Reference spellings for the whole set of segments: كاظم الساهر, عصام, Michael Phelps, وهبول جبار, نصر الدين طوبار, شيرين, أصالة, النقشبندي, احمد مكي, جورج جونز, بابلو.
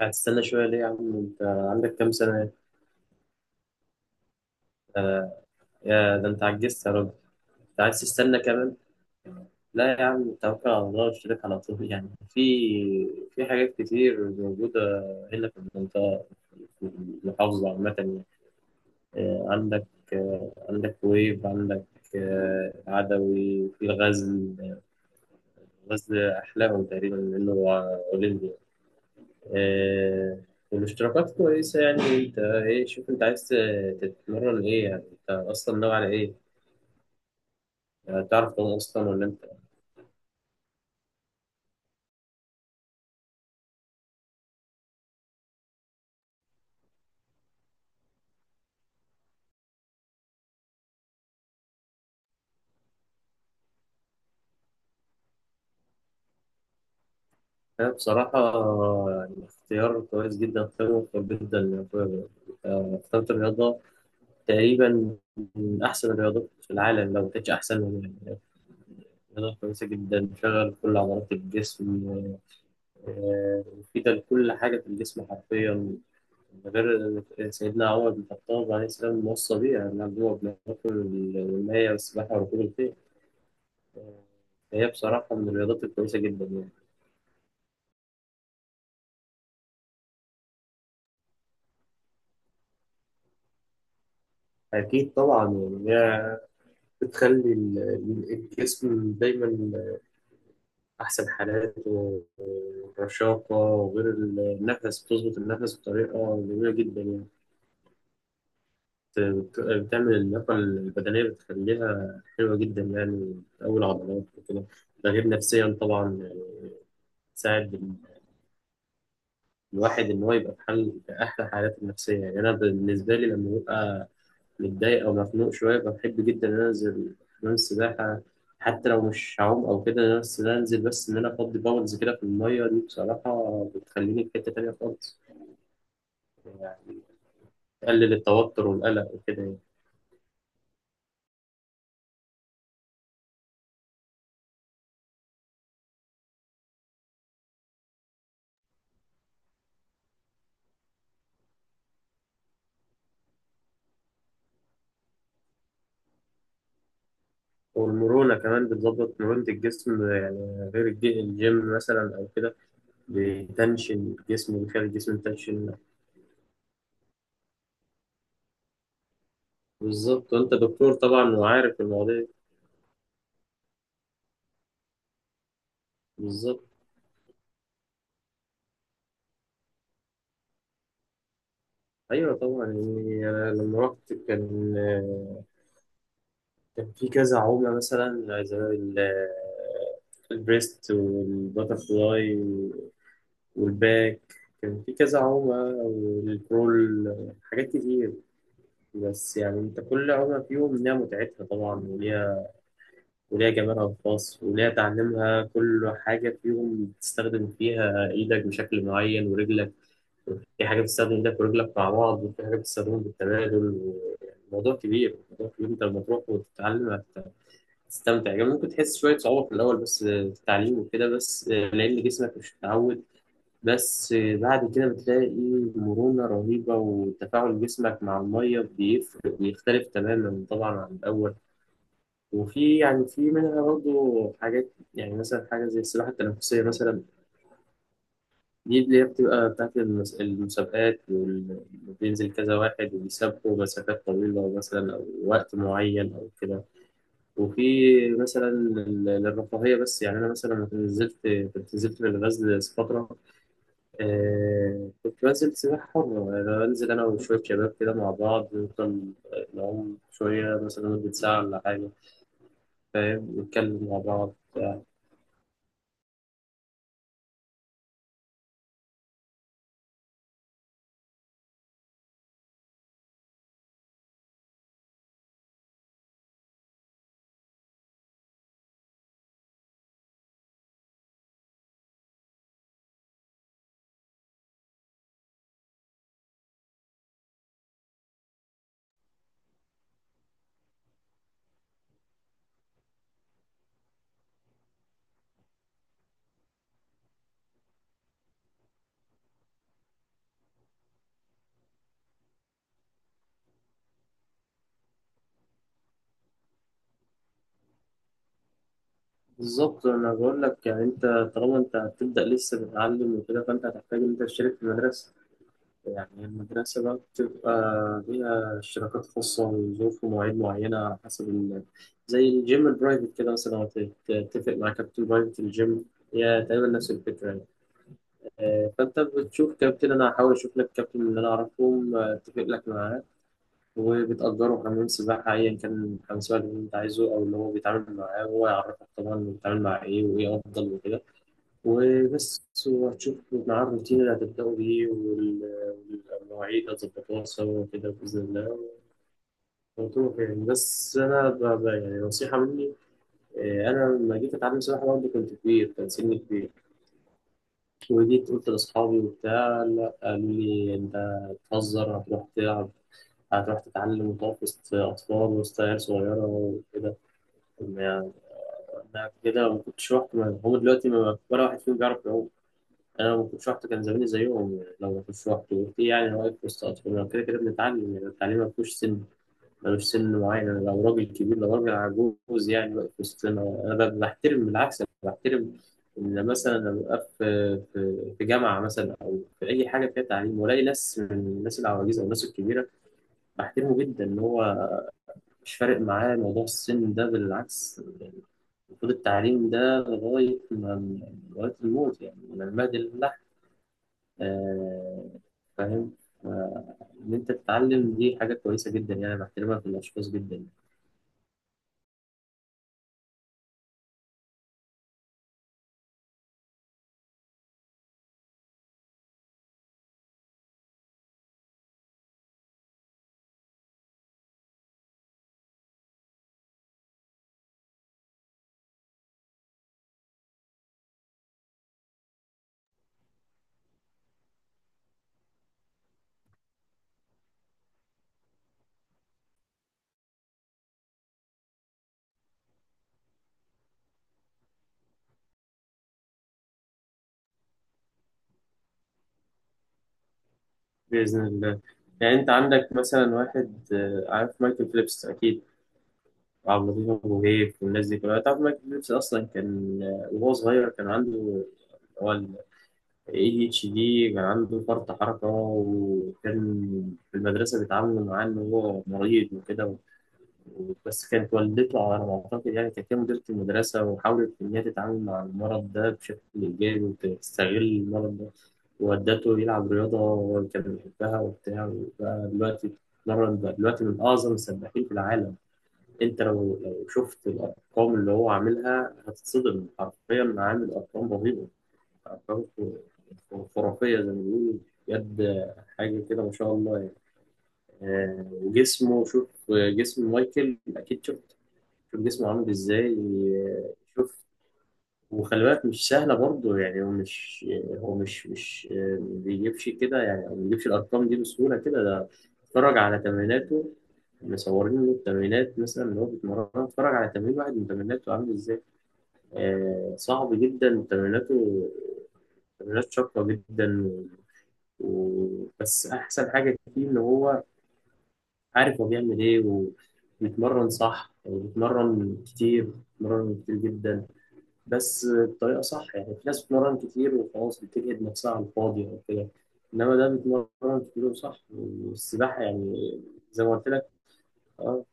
هتستنى شوية ليه يا عم؟ انت عندك كام سنة؟ آه يا ده انت عجزت يا راجل. انت عايز تستنى كمان؟ لا يا عم، توكل على الله واشترك على طول، يعني في حاجات كتير موجودة هنا في المنطقة، في المحافظة عامة يعني. آه، عندك عندك ويب، عندك عدوي في الغزل. غزل أحلاهم تقريبا لأنه هو أولمبي. آه، والاشتراكات كويسة. يعني انت ايه، شوف انت عايز تتمرن ايه، يعني انت اصلا ناوي على ايه؟ يعني تعرف تعوم اصلا ولا انت؟ أنا بصراحة يعني اختيار كويس جدا، اختيار موفق جدا يا أخويا. اخترت الرياضة تقريبا من أحسن الرياضات في العالم، لو مكانتش أحسن، من يعني رياضة كويسة جدا بتشغل كل عضلات الجسم. مفيدة لكل حاجة في الجسم حرفيا. غير سيدنا عمر بن الخطاب عليه السلام موصى بيها، إن هو بناكل المية والسباحة وركوب الخيل. هي بصراحة من الرياضات الكويسة جدا يعني. أكيد طبعا، يعني هي بتخلي الجسم دايما أحسن حالاته ورشاقة، وغير النفس بتظبط النفس بطريقة جميلة جدا يعني. بتعمل اللياقة البدنية بتخليها حلوة جدا، يعني بتقوي العضلات وكده. ده غير نفسيا طبعا، تساعد الواحد ان هو يبقى في حال، في احلى حالاته النفسيه. يعني انا بالنسبه لي لما ببقى متضايق او مخنوق شويه، بحب جدا ان انا انزل حمام السباحه. حتى لو مش هعوم او كده، بس إن أنا انزل، بس ان انا افضي باولز كده في الميه دي، بصراحه بتخليني في حته تانيه خالص. يعني تقلل التوتر والقلق وكده يعني. والمرونه كمان بتظبط مرونه الجسم، يعني غير الجيم مثلا او كده، بتنشن الجسم، بيخلي الجسم يتنشن. بالظبط، وانت دكتور طبعا وعارف المواضيع دي. بالظبط. ايوه طبعا، يعني انا لما رحت كان كان في كذا عمله، مثلا زي البريست والباترفلاي والباك، كان في كذا عمله، والبرول، حاجات كتير. بس يعني انت، كل عمله فيهم ليها متعتها طبعا وليها، وليها جمالها الخاص وليها تعليمها. كل حاجه فيهم بتستخدم فيها ايدك بشكل معين ورجلك، في حاجة بتستخدم ايدك ورجلك مع بعض، وفي حاجة بتستخدمهم بالتبادل يعني الموضوع كبير، الموضوع كبير. انت لما تروح وتتعلم هتستمتع يعني. ممكن تحس شوية صعوبة في الأول بس، في التعليم وكده، بس لأن جسمك مش متعود، بس بعد كده بتلاقي مرونة رهيبة، وتفاعل جسمك مع المية بيفرق، بيختلف تماما طبعا عن الأول. وفي يعني، في منها برضه حاجات، يعني مثلا حاجة زي السباحة التنفسية مثلا، دي اللي هي بتبقى بتاعت المسابقات وبينزل كذا واحد وبيسابقوا مسافات طويلة مثلا، أو وقت معين أو كده. وفي مثلا للرفاهية بس. يعني أنا مثلا لما نزلت، كنت نزلت في الغزل فترة، آه، كنت بنزل سباحة حرة يعني. بنزل أنا وشوية شباب كده مع بعض، نفضل نعوم شوية مثلا مدة ساعة ولا حاجة، فاهم، نتكلم مع بعض. بالظبط، انا بقول لك يعني، انت طالما انت هتبدا لسه تتعلم وكده، فانت هتحتاج ان انت تشترك في مدرسه. يعني المدرسه بقى بتبقى ليها اشتراكات خاصه وظروف ومواعيد معينه، على حسب ال... زي الجيم البرايفت كده مثلا، لو تتفق مع كابتن برايفت الجيم، هي تقريبا نفس الفكره يعني. فانت بتشوف كابتن، انا هحاول اشوف لك كابتن اللي انا اعرفهم، اتفق لك معاه، وبتأجره حمام سباحة أيا كان، حمام سباحة اللي أنت عايزه أو اللي هو بيتعامل معاه، وهو يعرفك طبعا بيتعامل مع إيه وإيه أفضل وكده. وبس، وهتشوف مع الروتين اللي هتبدأوا بيه والمواعيد هتظبطوها سوا كده بإذن الله، وتروح يعني. بس أنا يعني نصيحة مني إيه، أنا لما جيت أتعلم سباحة برضه كنت كبير، كان سني كبير، وجيت قلت لأصحابي وبتاع، لا، قالوا لي أنت بتهزر، هتروح تلعب، هتروح تتعلم وتقف وسط أطفال، وسط عيال صغيرة وكده. طب ما يعني أنا كده ما كنتش رحت. هم دلوقتي ما ولا واحد فيهم بيعرف يعوم. انا لو ما كنتش رحت كان زماني زيهم يعني. لو ما كنتش رحت في يعني، واقف وسط اطفال كده، كده بنتعلم يعني. التعليم ما فيهوش سن، ملوش سن معين. أنا لو راجل كبير، لو راجل عجوز يعني، واقف وسطنا، انا بحترم، بالعكس أنا بحترم ان مثلا لما ببقى في في جامعه مثلا، او في اي حاجه فيها تعليم، والاقي ناس من الناس العواجيز او الناس الكبيره، بحترمه جدا ان هو مش فارق معاه موضوع السن ده، بالعكس يعني. المفروض التعليم ده لغايه ما، لغايه الموت يعني، من المهد لله. آه، فاهم. ف- إن أنت تتعلم دي حاجة كويسة جدا، يعني بحترمها في الأشخاص جدا. بإذن الله. يعني أنت عندك مثلا واحد، عارف مايكل فيليبس أكيد، وعبد اللطيف أبو هيف والناس دي كلها. تعرف مايكل فيليبس أصلا كان وهو صغير كان عنده، هو ال ADHD، كان عنده فرط حركة، وكان في المدرسة بيتعاملوا معاه إن هو مريض وكده. بس كانت والدته على ما أعتقد، يعني كانت هي مديرة المدرسة، وحاولت إن هي تتعامل مع المرض ده بشكل إيجابي، وتستغل المرض ده، وودته يلعب رياضة، هو كان بيحبها وبتاع، وبقى دلوقتي بيتمرن، بقى دلوقتي من أعظم السباحين في العالم. أنت لو لو شفت الأرقام اللي هو عاملها هتتصدم حرفيا، عامل أرقام رهيبة، أرقام خرافية زي ما بيقولوا، بجد حاجة كده ما شاء الله يعني. وجسمه، شوف جسم مايكل، أكيد شفت، شوف جسمه عامل ازاي. شوف، وخلي بالك مش سهلة برضه يعني. هو مش ما بيجيبش كده يعني، أو ما بيجيبش الأرقام دي بسهولة كده، ده اتفرج على تمريناته، مصورين له التمرينات مثلا اللي هو بيتمرنها، اتفرج على تمرين واحد من تمريناته عامل ازاي. آه، صعب جدا تمريناته، تمرينات شاقة جدا. و... و... بس أحسن حاجة فيه إن هو عارف هو بيعمل إيه، وبيتمرن صح، وبيتمرن كتير، بيتمرن كتير جدا، بس بطريقه صح يعني. في ناس بتتمرن كتير وخلاص، بتجهد نفسها على الفاضي او كده، انما ده بيتمرن كتير وصح، والسباحه يعني زي ما قلت لك. اه.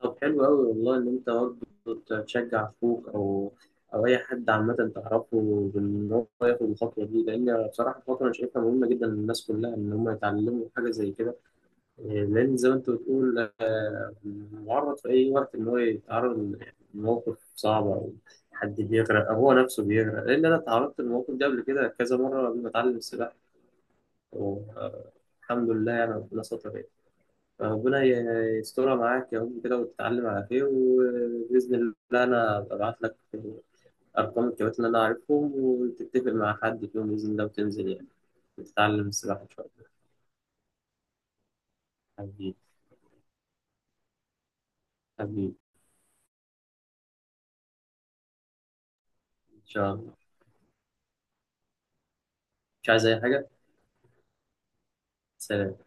طب حلو قوي والله ان انت برضه تشجع اخوك او او اي حد عامه تعرفه، بان هو ياخد الخطوه دي، لان بصراحه الخطوه انا شايفها مهمه جدا للناس كلها، ان هم يتعلموا حاجه زي كده. لأن زي ما أنت بتقول، معرض في أي وقت إن هو يتعرض لموقف صعب، أو حد بيغرق، أو هو نفسه بيغرق. لأن أنا اتعرضت للموقف ده قبل كده كذا مرة قبل ما أتعلم السباحة، والحمد لله يعني ربنا ستر يعني. فربنا يسترها معاك يا رب كده، وتتعلم على خير، وبإذن الله أنا ببعت لك أرقام الكباتن اللي أنا عارفهم، وتتفق مع حد فيهم بإذن الله، وتنزل يعني وتتعلم السباحة إن شاء الله. حبيبي. حبيبي. إن شاء الله. مش عايز أي حاجة. سلام.